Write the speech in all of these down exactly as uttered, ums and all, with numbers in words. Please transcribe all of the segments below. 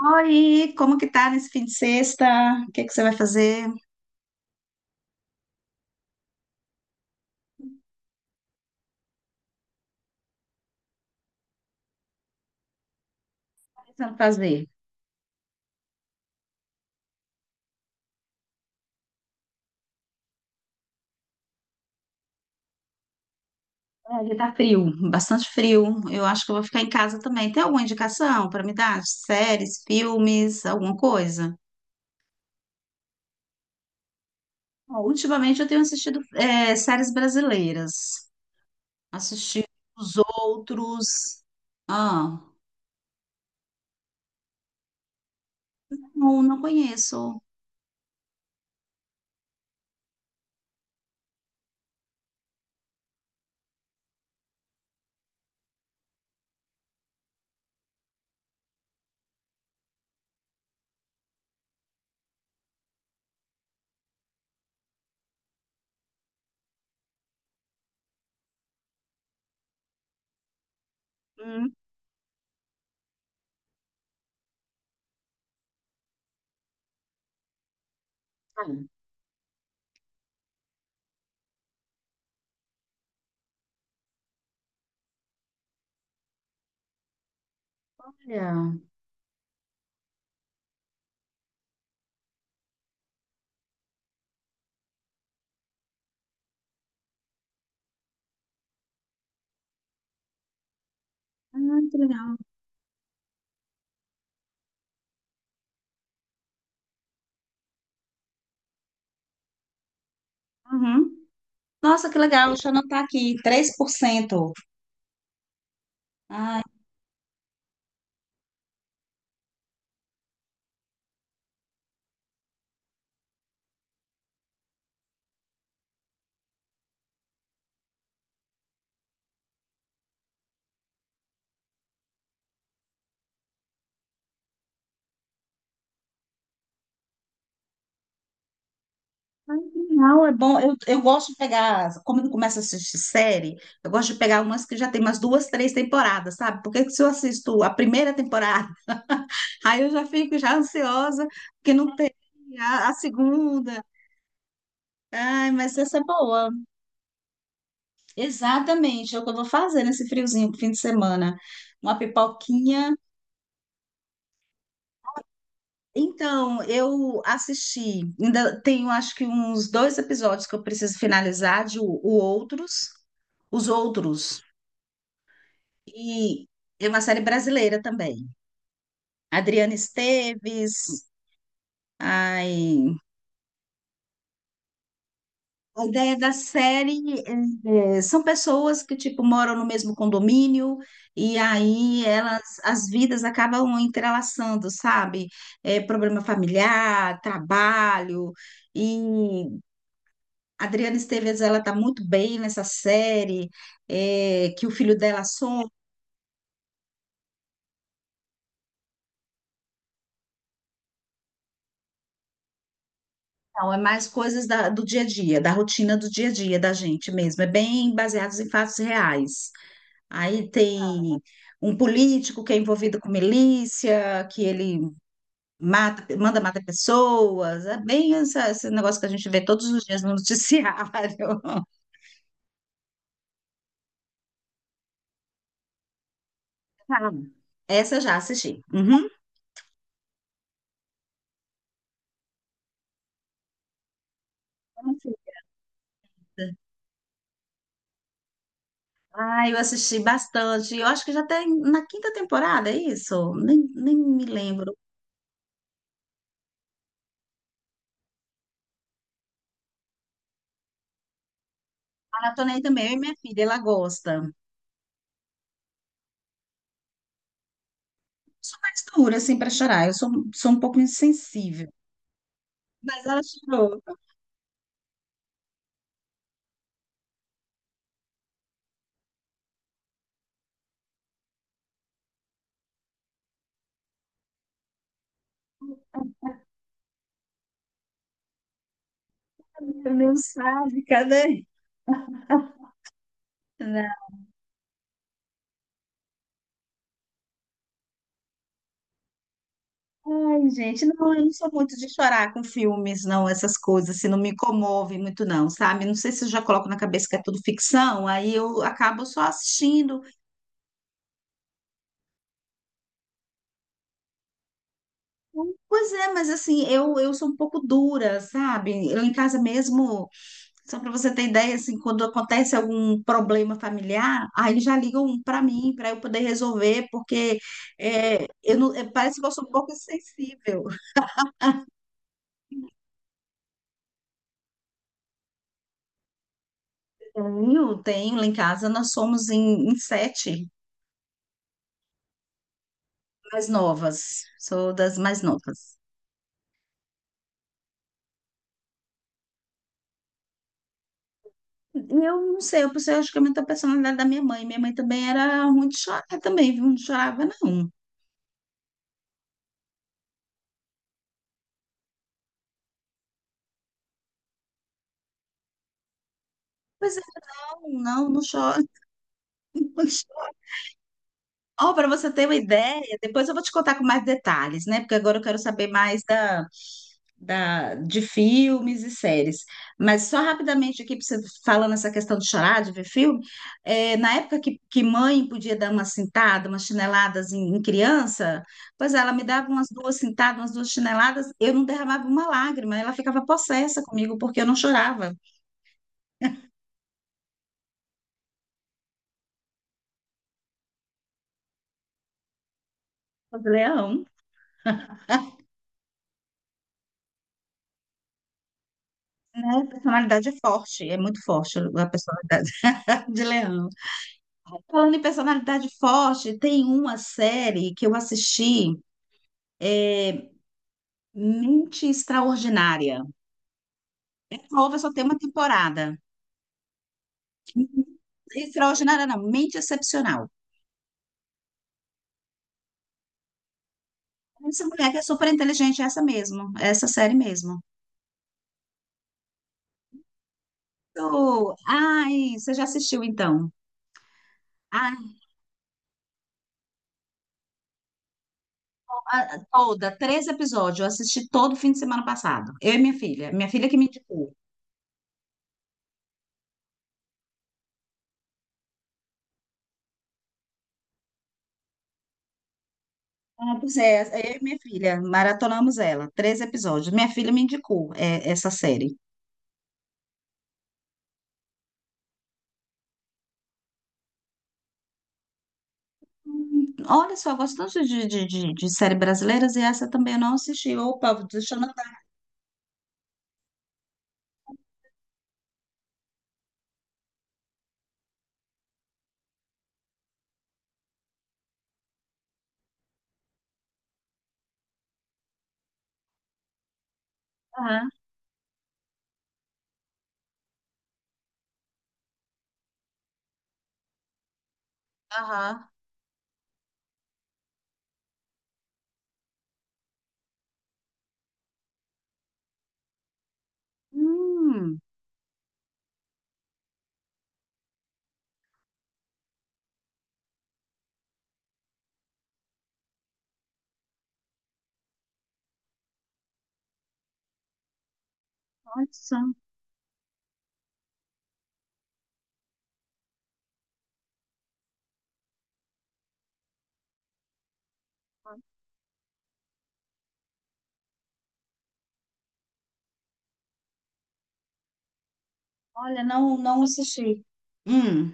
Oi, como que tá nesse fim de sexta? O que que você vai fazer? O que você vai fazer? É, aqui tá frio, bastante frio. Eu acho que eu vou ficar em casa também. Tem alguma indicação para me dar? Séries, filmes, alguma coisa? Bom, ultimamente eu tenho assistido é, séries brasileiras. Assisti os outros. Ah, não, não conheço. Hum, olha, ah, que legal. Uhum. Nossa, que legal, O eu tá aqui, Três por cento. Ah. Não, é bom. Eu, eu gosto de pegar, as- como eu começo a assistir série, eu gosto de pegar umas que já tem umas duas, três temporadas, sabe? Porque se eu assisto a primeira temporada, aí eu já fico já ansiosa, porque não tem a, a segunda. Ai, mas essa é boa. Exatamente, é o que eu vou fazer nesse friozinho, fim de semana. Uma pipoquinha. Então, eu assisti, ainda tenho acho que uns dois episódios que eu preciso finalizar de o o Outros. Os Outros. E é uma série brasileira também. Adriana Esteves. Ai, a ideia da série é, é, são pessoas que tipo moram no mesmo condomínio e aí elas as vidas acabam entrelaçando, sabe? É, problema familiar, trabalho e Adriana Esteves ela tá muito bem nessa série, é, que o filho dela some. Não, é mais coisas da- do dia a dia, da rotina do dia a dia da gente mesmo. É bem baseados em fatos reais. Aí tem um político que é envolvido com milícia, que ele mata- manda matar pessoas. É bem essa- esse negócio que a gente vê todos os dias no noticiário. Ah, essa eu já assisti. Uhum. Ah, eu assisti bastante. Eu acho que já tem na quinta temporada, é isso? Nem, nem me lembro. Maratonei também, eu e minha filha, ela gosta. Sou mais dura, assim, para chorar. Eu sou, sou um pouco insensível. Mas ela chorou. Não sabe, cadê? Não. Ai, gente, não, eu não sou muito de chorar com filmes, não, essas coisas, assim, não me comove muito, não, sabe? Não sei se eu já coloco na cabeça que é tudo ficção, aí eu acabo só assistindo. Pois é, mas assim, eu, eu sou um pouco dura, sabe? Eu em casa mesmo, só para você ter ideia, assim, quando acontece algum problema familiar, aí já ligam para mim, para eu poder resolver, porque é, eu não, é, parece que eu sou um pouco sensível. Tenho, tenho, lá em casa nós somos em, em sete mais novas, sou das mais novas. E eu não sei, eu pensei, acho que é muito a personalidade da minha mãe. Minha mãe também era muito chorar também, viu? Não chorava, não. Pois é, não, não, não chora. Ó, para você ter uma ideia, depois eu vou te contar com mais detalhes, né? Porque agora eu quero saber mais da, da, de filmes e séries. Mas só rapidamente aqui, pra você falando essa questão de chorar, de ver filme, é, na época que, que mãe podia dar uma cintada, umas chineladas em, em criança, pois ela me dava umas duas cintadas, umas duas chineladas, eu não derramava uma lágrima, ela ficava possessa comigo porque eu não chorava. Eu falei, Leão, a personalidade é forte, é muito forte a personalidade de Leão. Falando em personalidade forte, tem uma série que eu assisti, Mente Extraordinária. É nova, só tem uma temporada. Extraordinária não, Mente Excepcional. Essa mulher que é super inteligente, é essa mesmo, é essa série mesmo. Tu- Ai, você já assistiu então? Ai, a- a- toda, três episódios, eu assisti todo fim de semana passado. Eu e minha filha, minha filha que me indicou. Ah, pois é, eu e minha filha, maratonamos ela, três episódios. Minha filha me indicou é, essa série. Olha só, eu gosto tanto de, de, de, de série brasileiras e essa também eu não assisti. Opa, deixa eu anotar. Aham, aham. Hum, olha só. Olha, não, não assisti. Hum.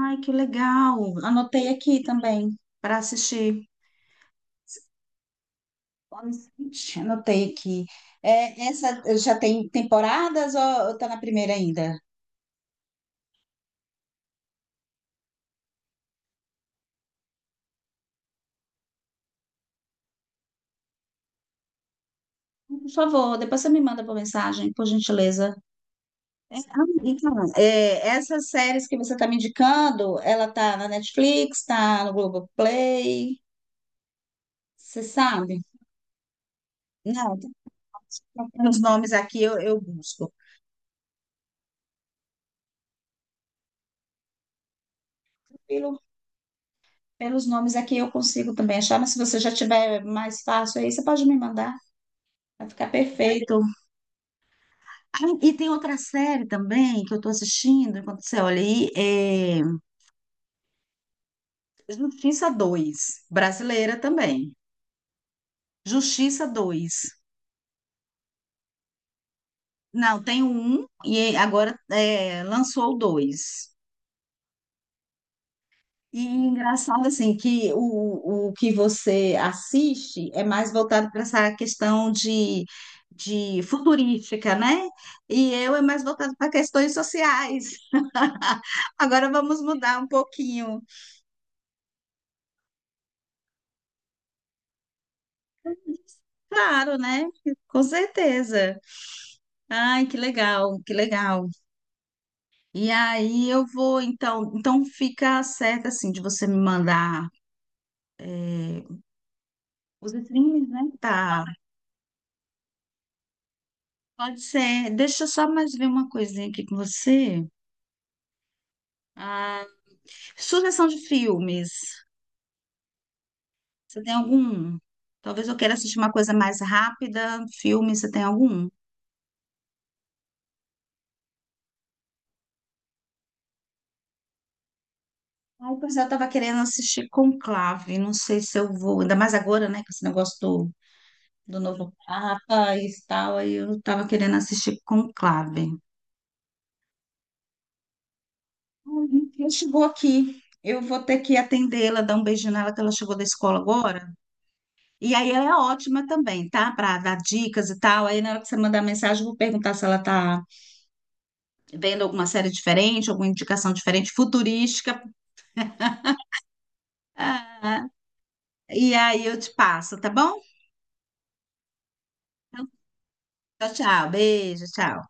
Ai, que legal. Anotei aqui também para assistir. Honestamente, anotei aqui. É, essa eh, já tem temporadas ou ou tá na primeira ainda? Por favor, depois você me manda por mensagem, por gentileza. É, ah, Então, é, essas séries que você está me indicando, ela tá na Netflix, tá no Globoplay, você sabe? Não, tá- pelos nomes aqui eu, eu busco. Pelo- pelos nomes aqui eu consigo também achar, mas se você já tiver mais fácil aí, você pode me mandar, vai ficar perfeito. Ah, e tem outra série também que eu estou assistindo, enquanto você olha aí, é Justiça dois, brasileira também. Justiça dois. Não, tem o um e agora é, lançou o dois. E engraçado assim que o, o que você assiste é mais voltado para essa questão de, de futurística, né? E eu é mais voltado para questões sociais. Agora vamos mudar um pouquinho. Claro, né? Com certeza. Ai, que legal, que legal. E aí eu vou então, então fica certo assim de você me mandar é, Os streams, né? Tá, pode ser. Deixa eu só mais ver uma coisinha aqui com você. Ah, sugestão de filmes. Você tem algum? Talvez eu queira assistir uma coisa mais rápida. Filme, você tem algum? Ai, pois é, eu tava querendo assistir Conclave. Não sei se eu vou. Ainda mais agora, né? Com esse negócio do, do novo Papa e tal. Aí eu tava querendo assistir Conclave. Ai, ela chegou aqui. Eu vou ter que atendê-la, dar um beijo nela, que ela chegou da escola agora. E aí ela é ótima também, tá? Para dar dicas e tal. Aí na hora que você mandar mensagem, eu vou perguntar se ela tá vendo alguma série diferente, alguma indicação diferente, futurística. Ah, e aí eu te passo, tá bom? Então, tchau, tchau. Beijo, tchau.